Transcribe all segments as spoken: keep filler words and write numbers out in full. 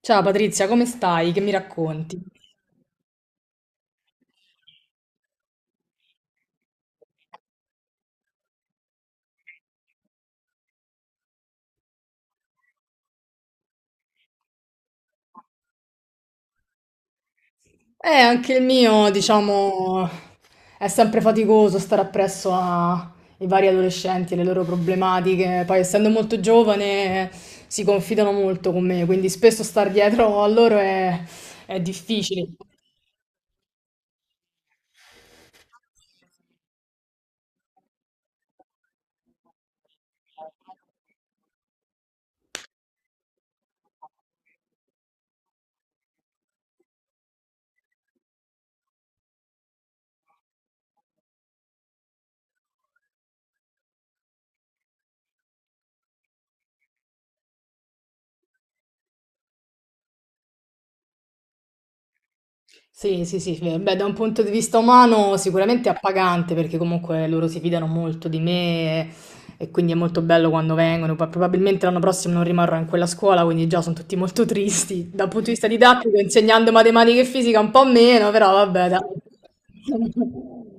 Ciao Patrizia, come stai? Che mi racconti? Eh, anche il mio, diciamo, è sempre faticoso stare appresso ai vari adolescenti e le loro problematiche. Poi, essendo molto giovane, si confidano molto con me, quindi spesso star dietro a loro è, è difficile. Sì, sì, sì, beh, beh, da un punto di vista umano sicuramente è appagante perché comunque loro si fidano molto di me e, e quindi è molto bello quando vengono. Poi probabilmente l'anno prossimo non rimarrò in quella scuola, quindi già sono tutti molto tristi. Dal punto di vista didattico, insegnando matematica e fisica un po' meno, però vabbè, dai.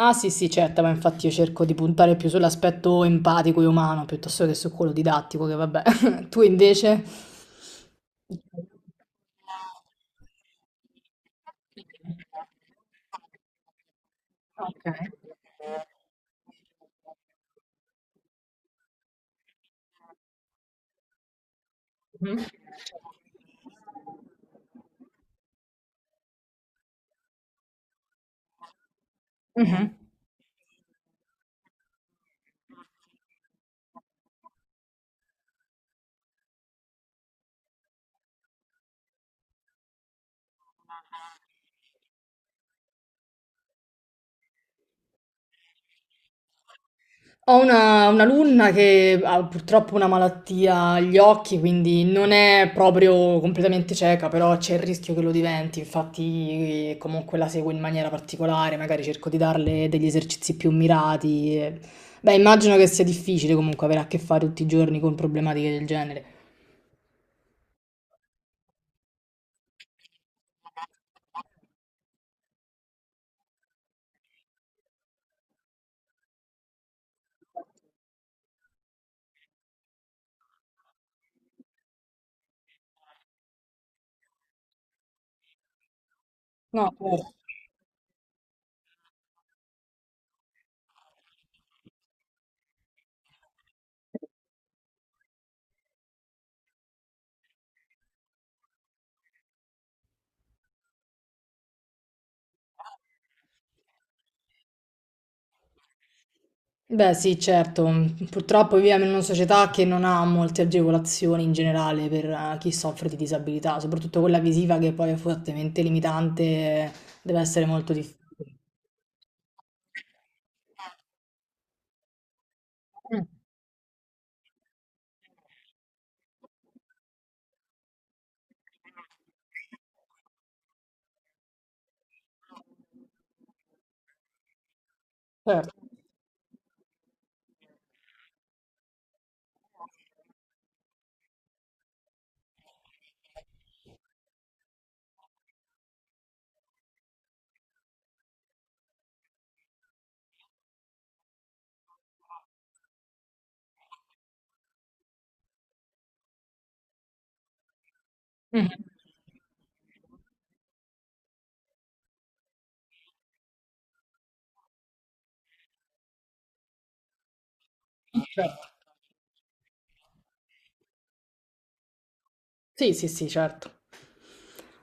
Ah sì, sì, certo, ma infatti io cerco di puntare più sull'aspetto empatico e umano piuttosto che su quello didattico, che vabbè. Tu invece? Okay. Mh-mh. Mh-mh. Ho una un'alunna che ha purtroppo una malattia agli occhi, quindi non è proprio completamente cieca, però c'è il rischio che lo diventi, infatti eh, comunque la seguo in maniera particolare, magari cerco di darle degli esercizi più mirati e beh, immagino che sia difficile comunque avere a che fare tutti i giorni con problematiche del genere. No, cer Beh, sì, certo. Purtroppo viviamo in una società che non ha molte agevolazioni in generale per eh, chi soffre di disabilità, soprattutto quella visiva che poi è fortemente limitante, eh, deve essere molto difficile. Mm. Certo. Mhm. Certo. Sì, sì, sì, certo.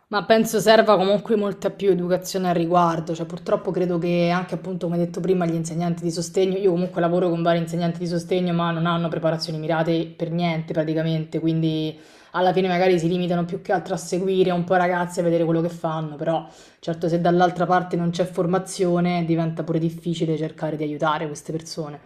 Ma penso serva comunque molta più educazione al riguardo, cioè purtroppo credo che anche appunto come detto prima gli insegnanti di sostegno, io comunque lavoro con vari insegnanti di sostegno ma non hanno preparazioni mirate per niente praticamente, quindi alla fine magari si limitano più che altro a seguire un po' i ragazzi e a vedere quello che fanno, però certo se dall'altra parte non c'è formazione diventa pure difficile cercare di aiutare queste persone,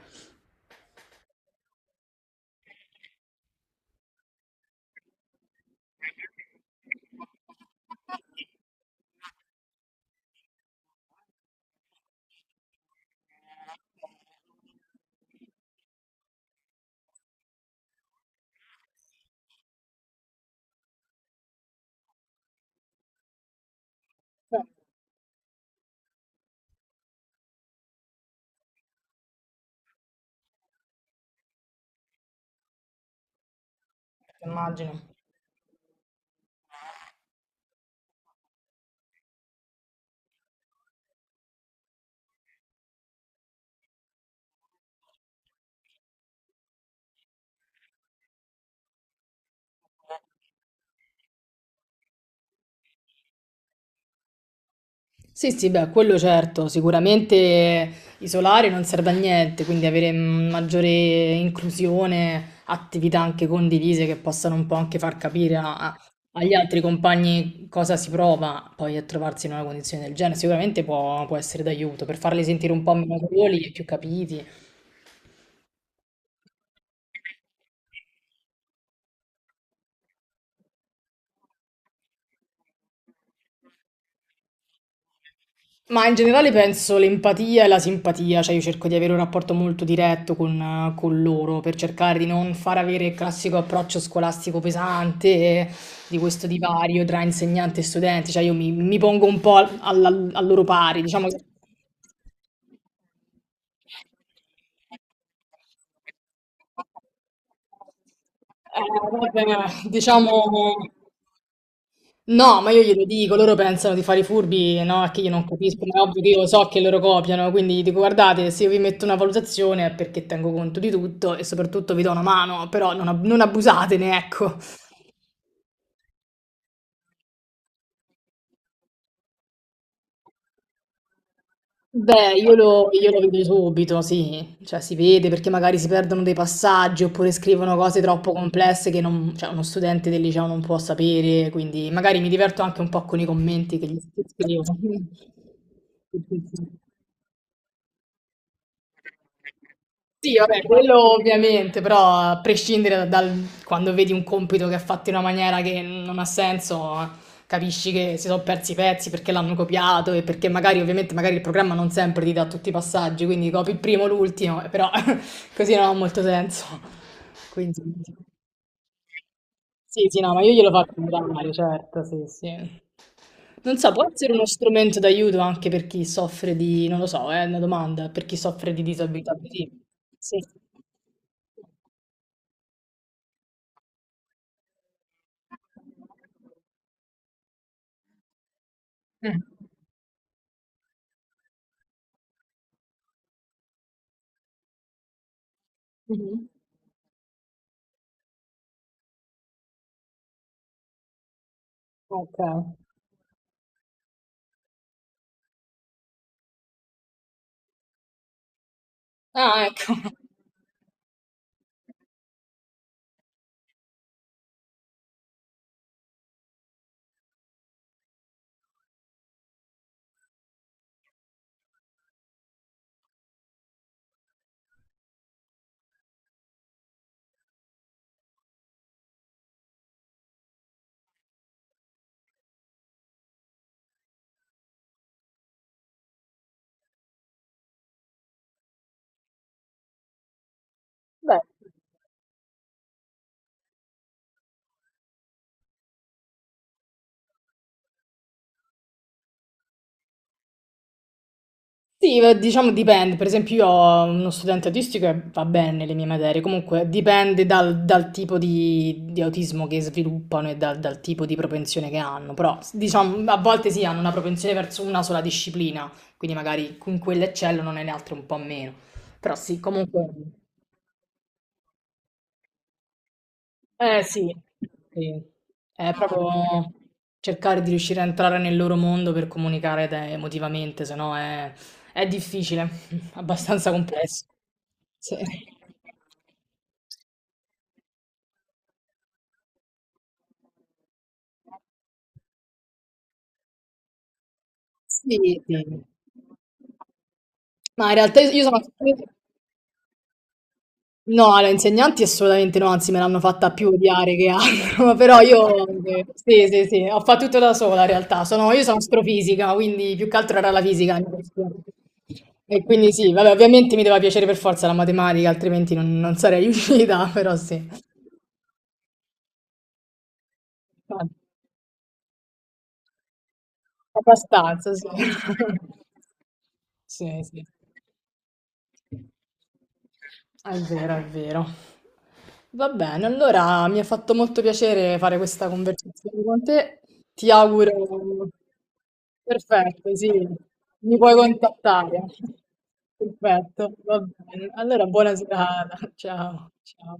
immagino. Sì, sì, beh, quello certo, sicuramente isolare non serve a niente, quindi avere mm, maggiore inclusione, attività anche condivise che possano un po' anche far capire a- a- agli altri compagni cosa si prova poi a trovarsi in una condizione del genere, sicuramente può, può essere d'aiuto per farli sentire un po' meno soli e più capiti. Ma in generale penso l'empatia e la simpatia, cioè io cerco di avere un rapporto molto diretto con, con loro per cercare di non far avere il classico approccio scolastico pesante eh, di questo divario tra insegnante e studenti, cioè io mi, mi pongo un po' al, al- al loro pari, diciamo, che- eh, vabbè, diciamo. No, ma io glielo dico, loro pensano di fare i furbi, no? Che io non capisco, ma è ovvio che io so che loro copiano, quindi gli dico guardate, se io vi metto una valutazione è perché tengo conto di tutto e soprattutto vi do una mano, però non, ab- non abusatene, ecco. Beh, io lo, io lo vedo subito, sì, cioè si vede perché magari si perdono dei passaggi oppure scrivono cose troppo complesse che non- cioè, uno studente del liceo non può sapere, quindi magari mi diverto anche un po' con i commenti che gli scrivo. Sì, vabbè, quello ovviamente, però a prescindere da- dal quando vedi un compito che è fatto in una maniera che non ha senso, capisci che si sono persi i pezzi perché l'hanno copiato e perché magari ovviamente magari il programma non sempre ti dà tutti i passaggi, quindi copi il primo, l'ultimo, eh, però così non ha molto senso. Quindi sì, sì, no, ma io glielo faccio notare, certo, sì, sì. Non so, può essere uno strumento d'aiuto anche per chi soffre di, non lo so, è una domanda, per chi soffre di disabilità. Sì. Sì. Mhm. Ok. Ah, ecco. Beh, sì, eh, diciamo dipende, per esempio io ho uno studente autistico e va bene nelle mie materie, comunque dipende dal, dal tipo di, di autismo che sviluppano e dal, dal tipo di propensione che hanno, però s- diciamo a volte sì hanno una propensione verso una sola disciplina, quindi magari in quella eccellono, nelle altre un po' meno, però sì, comunque... Eh sì, sì. È proprio cercare di riuscire a entrare nel loro mondo per comunicare te- emotivamente, se no è, è difficile, abbastanza complesso. Sì. Sì, sì. Ma in realtà io sono... No, alle insegnanti assolutamente no, anzi me l'hanno fatta più odiare che altro, però io sì, sì, sì, ho fatto tutto da sola in realtà, sono, io sono astrofisica, quindi più che altro era la fisica, la mia passione. E quindi sì, vabbè, ovviamente mi doveva piacere per forza la matematica, altrimenti non, non sarei riuscita, però sì, abbastanza, sì. Sì, sì. È vero, è vero. Va bene, allora mi ha fatto molto piacere fare questa conversazione con te. Ti auguro... Perfetto, sì, mi puoi contattare. Perfetto, va bene. Allora, buona serata. Ciao, ciao.